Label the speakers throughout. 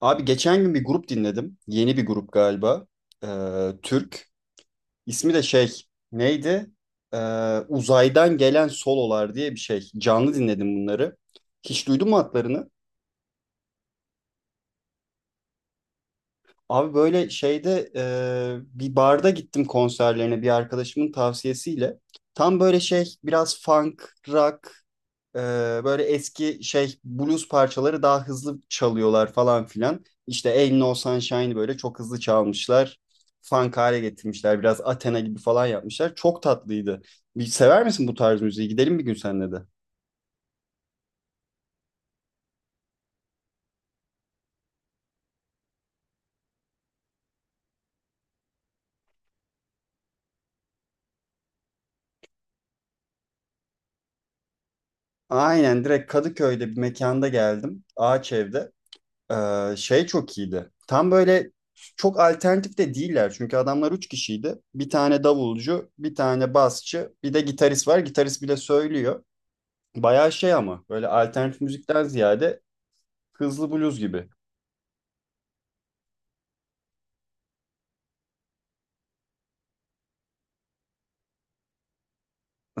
Speaker 1: Abi geçen gün bir grup dinledim. Yeni bir grup galiba. Ee, Türk. İsmi de şey neydi? Uzaydan Gelen Sololar diye bir şey. Canlı dinledim bunları. Hiç duydun mu adlarını? Abi böyle şeyde bir barda gittim konserlerine bir arkadaşımın tavsiyesiyle. Tam böyle şey biraz funk, rock. Ee, böyle eski şey blues parçaları daha hızlı çalıyorlar falan filan. İşte Ain't No Sunshine'ı böyle çok hızlı çalmışlar. Funk hale getirmişler. Biraz Athena gibi falan yapmışlar. Çok tatlıydı. Bir sever misin bu tarz müziği? Gidelim bir gün seninle de. Aynen, direkt Kadıköy'de bir mekanda geldim. Ağaç evde. Şey çok iyiydi. Tam böyle çok alternatif de değiller. Çünkü adamlar üç kişiydi. Bir tane davulcu, bir tane basçı, bir de gitarist var. Gitarist bile söylüyor. Bayağı şey ama böyle alternatif müzikten ziyade hızlı blues gibi.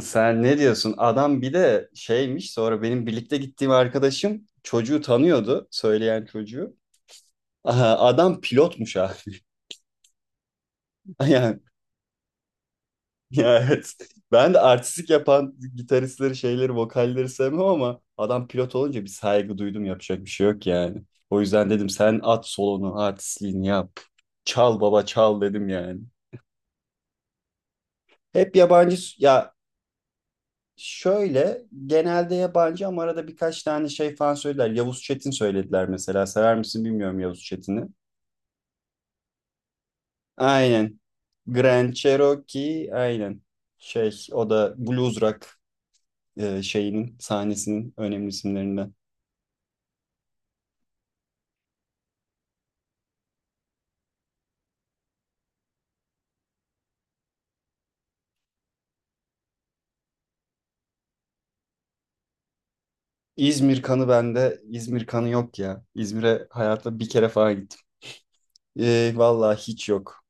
Speaker 1: Sen ne diyorsun? Adam bir de şeymiş, sonra benim birlikte gittiğim arkadaşım çocuğu tanıyordu. Söyleyen çocuğu. Aha, adam pilotmuş ha. Yani, ya evet. Ben de artistik yapan gitaristleri, şeyleri, vokalleri sevmem ama adam pilot olunca bir saygı duydum. Yapacak bir şey yok yani. O yüzden dedim sen at solonu, artistliğini yap. Çal baba çal dedim yani. Hep yabancı ya. Şöyle, genelde yabancı ama arada birkaç tane şey falan söylediler. Yavuz Çetin söylediler mesela. Sever misin bilmiyorum Yavuz Çetin'i. Aynen. Grand Cherokee, aynen. Şey, o da blues rock şeyinin sahnesinin önemli isimlerinden. İzmir kanı bende. İzmir kanı yok ya. İzmir'e hayatta bir kere falan gittim. E, vallahi hiç yok.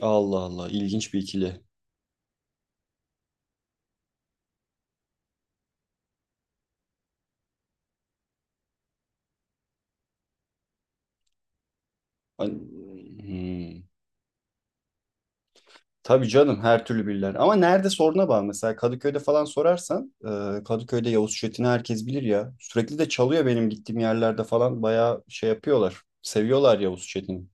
Speaker 1: Allah Allah, ilginç bir ikili. An- Hmm. Tabii canım, her türlü bilirler. Ama nerede, soruna bağlı. Mesela Kadıköy'de falan sorarsan Kadıköy'de Yavuz Çetin'i herkes bilir ya. Sürekli de çalıyor benim gittiğim yerlerde falan. Bayağı şey yapıyorlar. Seviyorlar Yavuz Çetin'i.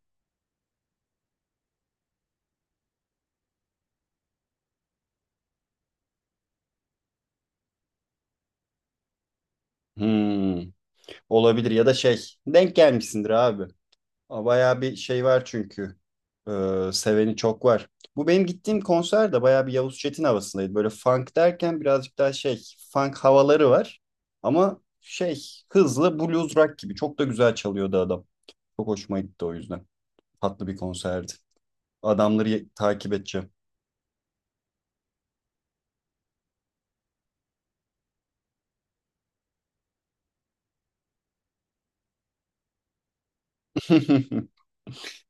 Speaker 1: Hmm, olabilir ya da şey denk gelmişsindir abi. Aa, bayağı bir şey var çünkü. Seveni çok var. Bu benim gittiğim konser de bayağı bir Yavuz Çetin havasındaydı. Böyle funk derken birazcık daha şey, funk havaları var. Ama şey, hızlı blues rock gibi. Çok da güzel çalıyordu adam. Çok hoşuma gitti o yüzden. Tatlı bir konserdi. Adamları takip edeceğim.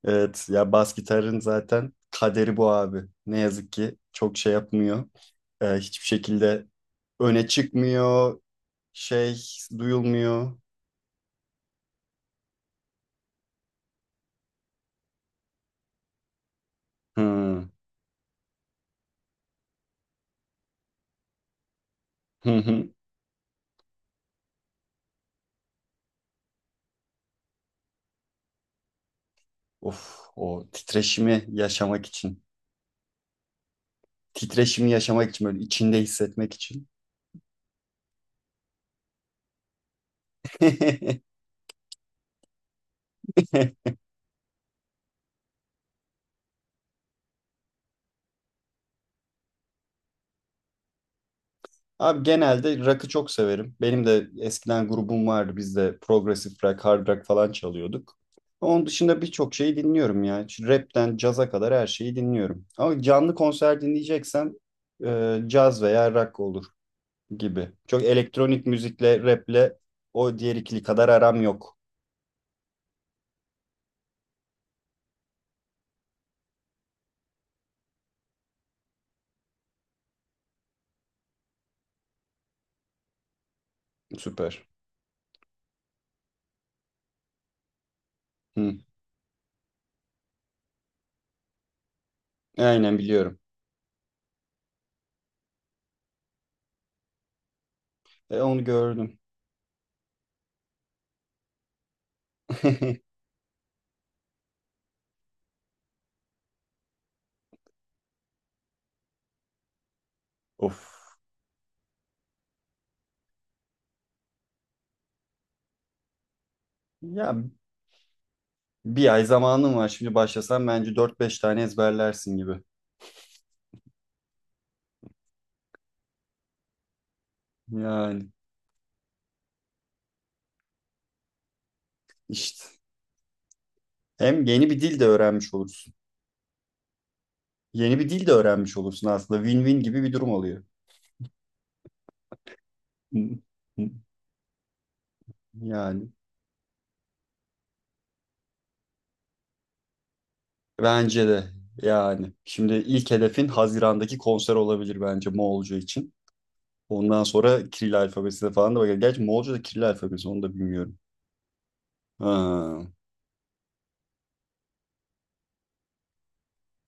Speaker 1: Evet, ya bas gitarın zaten kaderi bu abi. Ne yazık ki çok şey yapmıyor. Hiçbir şekilde öne çıkmıyor, şey duyulmuyor. Hı hı. Hı. Of, o titreşimi yaşamak için. Titreşimi yaşamak için, böyle içinde hissetmek için. Abi genelde rock'ı çok severim. Benim de eskiden grubum vardı. Biz de progressive rock, hard rock falan çalıyorduk. Onun dışında birçok şeyi dinliyorum ya. Şu Rap'ten caza kadar her şeyi dinliyorum. Ama canlı konser dinleyeceksem caz veya rock olur gibi. Çok elektronik müzikle, rap'le o diğer ikili kadar aram yok. Süper. Hı, aynen biliyorum. E, onu gördüm. Of. Ya, bir ay zamanım var. Şimdi başlasam bence dört beş tane ezberlersin gibi. Yani işte. Hem yeni bir dil de öğrenmiş olursun. Yeni bir dil de öğrenmiş olursun aslında. Win-win gibi bir durum oluyor. Yani, bence de yani. Şimdi ilk hedefin Haziran'daki konser olabilir bence Moğolca için. Ondan sonra Kiril alfabesine falan da bakar. Gerçi Moğolca da Kiril alfabesi, onu da bilmiyorum. Ha.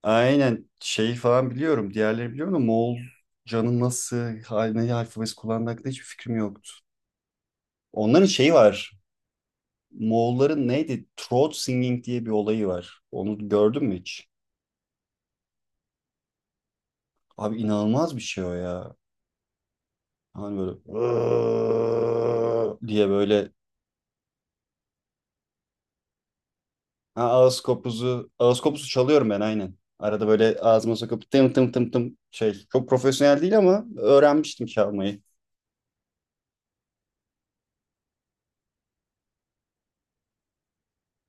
Speaker 1: Aynen, şeyi falan biliyorum. Diğerleri biliyorum da Moğolcanın nasıl haline alfabesi kullandığı hakkında hiçbir fikrim yoktu. Onların şeyi var. Moğolların neydi? Throat singing diye bir olayı var. Onu gördün mü hiç? Abi inanılmaz bir şey o ya. Hani böyle "Aaa" diye böyle, ha, ağız kopuzu çalıyorum ben aynen. Arada böyle ağzıma sokup tım tım tım tım şey. Çok profesyonel değil ama öğrenmiştim çalmayı.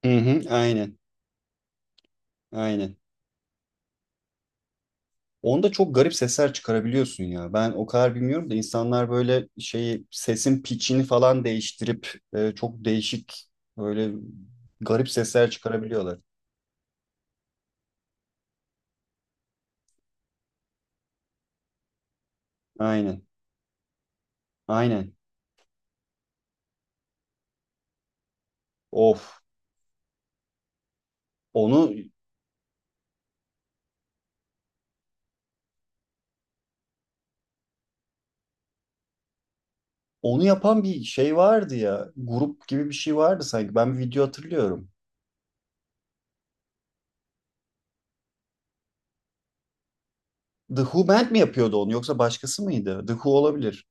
Speaker 1: Hı hı, aynen. Aynen. Onda çok garip sesler çıkarabiliyorsun ya. Ben o kadar bilmiyorum da insanlar böyle şeyi sesin pitch'ini falan değiştirip çok değişik böyle garip sesler çıkarabiliyorlar. Aynen. Aynen. Of. Onu onu yapan bir şey vardı ya. Grup gibi bir şey vardı sanki. Ben bir video hatırlıyorum. The Who Band mi yapıyordu onu, yoksa başkası mıydı? The Who olabilir.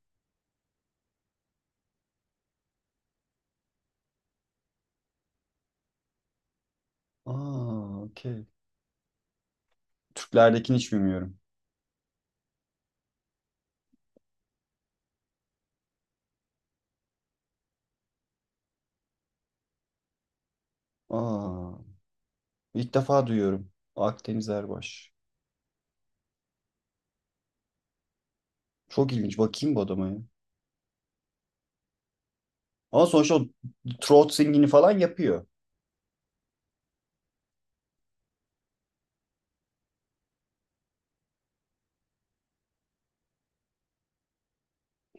Speaker 1: Aa, okey. Türklerdekini hiç bilmiyorum. Aa, ilk defa duyuyorum. Akdeniz Erbaş. Çok ilginç. Bakayım bu adama ya. Ama sonuçta o throat singini falan yapıyor.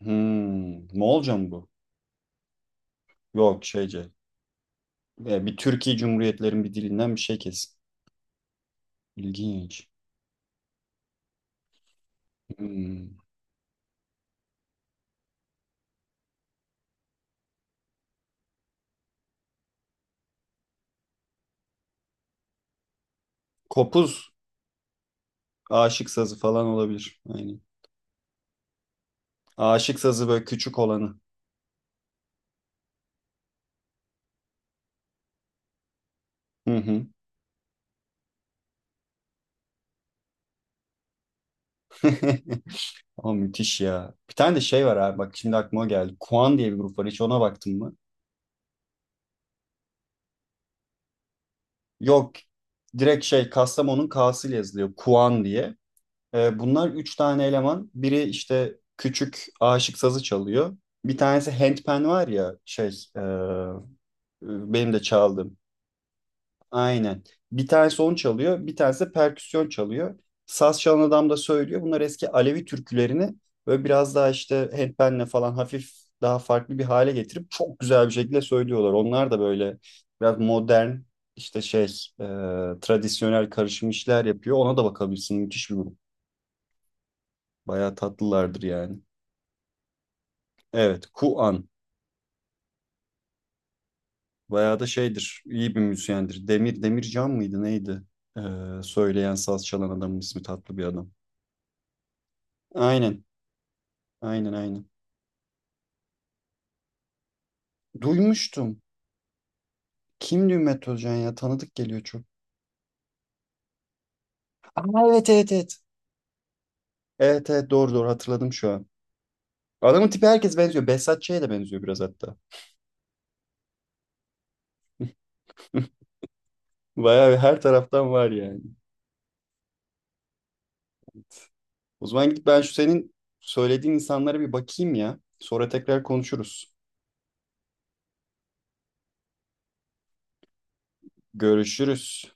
Speaker 1: Hmm, ne olacağım bu? Yok şeyce. E, bir Türkiye Cumhuriyetlerin bir dilinden bir şey kesin. İlginç. Hmm. Kopuz aşık sazı falan olabilir. Aynen. Aşık sazı böyle küçük olanı. Hı hı. Ama müthiş ya. Bir tane de şey var abi, bak şimdi aklıma geldi. Kuan diye bir grup var. Hiç ona baktın mı? Yok. Direkt şey, Kastamonu'nun K'sıyla yazılıyor. Kuan diye. Bunlar üç tane eleman. Biri işte küçük aşık sazı çalıyor. Bir tanesi handpan var ya şey e, benim de çaldığım. Aynen. Bir tanesi onu çalıyor. Bir tanesi de perküsyon çalıyor. Saz çalan adam da söylüyor. Bunlar eski Alevi türkülerini böyle biraz daha işte handpanle falan hafif daha farklı bir hale getirip çok güzel bir şekilde söylüyorlar. Onlar da böyle biraz modern, işte şey, e, tradisyonel karışım işler yapıyor. Ona da bakabilirsin. Müthiş bir grup. Bayağı tatlılardır yani. Evet, Kuan. Bayağı da şeydir, iyi bir müzisyendir. Demir, Demircan mıydı neydi? Ee, söyleyen, saz çalan adamın ismi, tatlı bir adam. Aynen, aynen, aynen. Duymuştum. Kimdi Ümmet Özcan ya? Tanıdık geliyor çok. Aa, evet, evet, evet. Evet, evet, doğru doğru hatırladım şu an. Adamın tipi herkes benziyor. Behzat Ç'ye de benziyor biraz hatta. Bayağı bir, her taraftan var yani. O zaman gidip ben şu senin söylediğin insanlara bir bakayım ya. Sonra tekrar konuşuruz. Görüşürüz.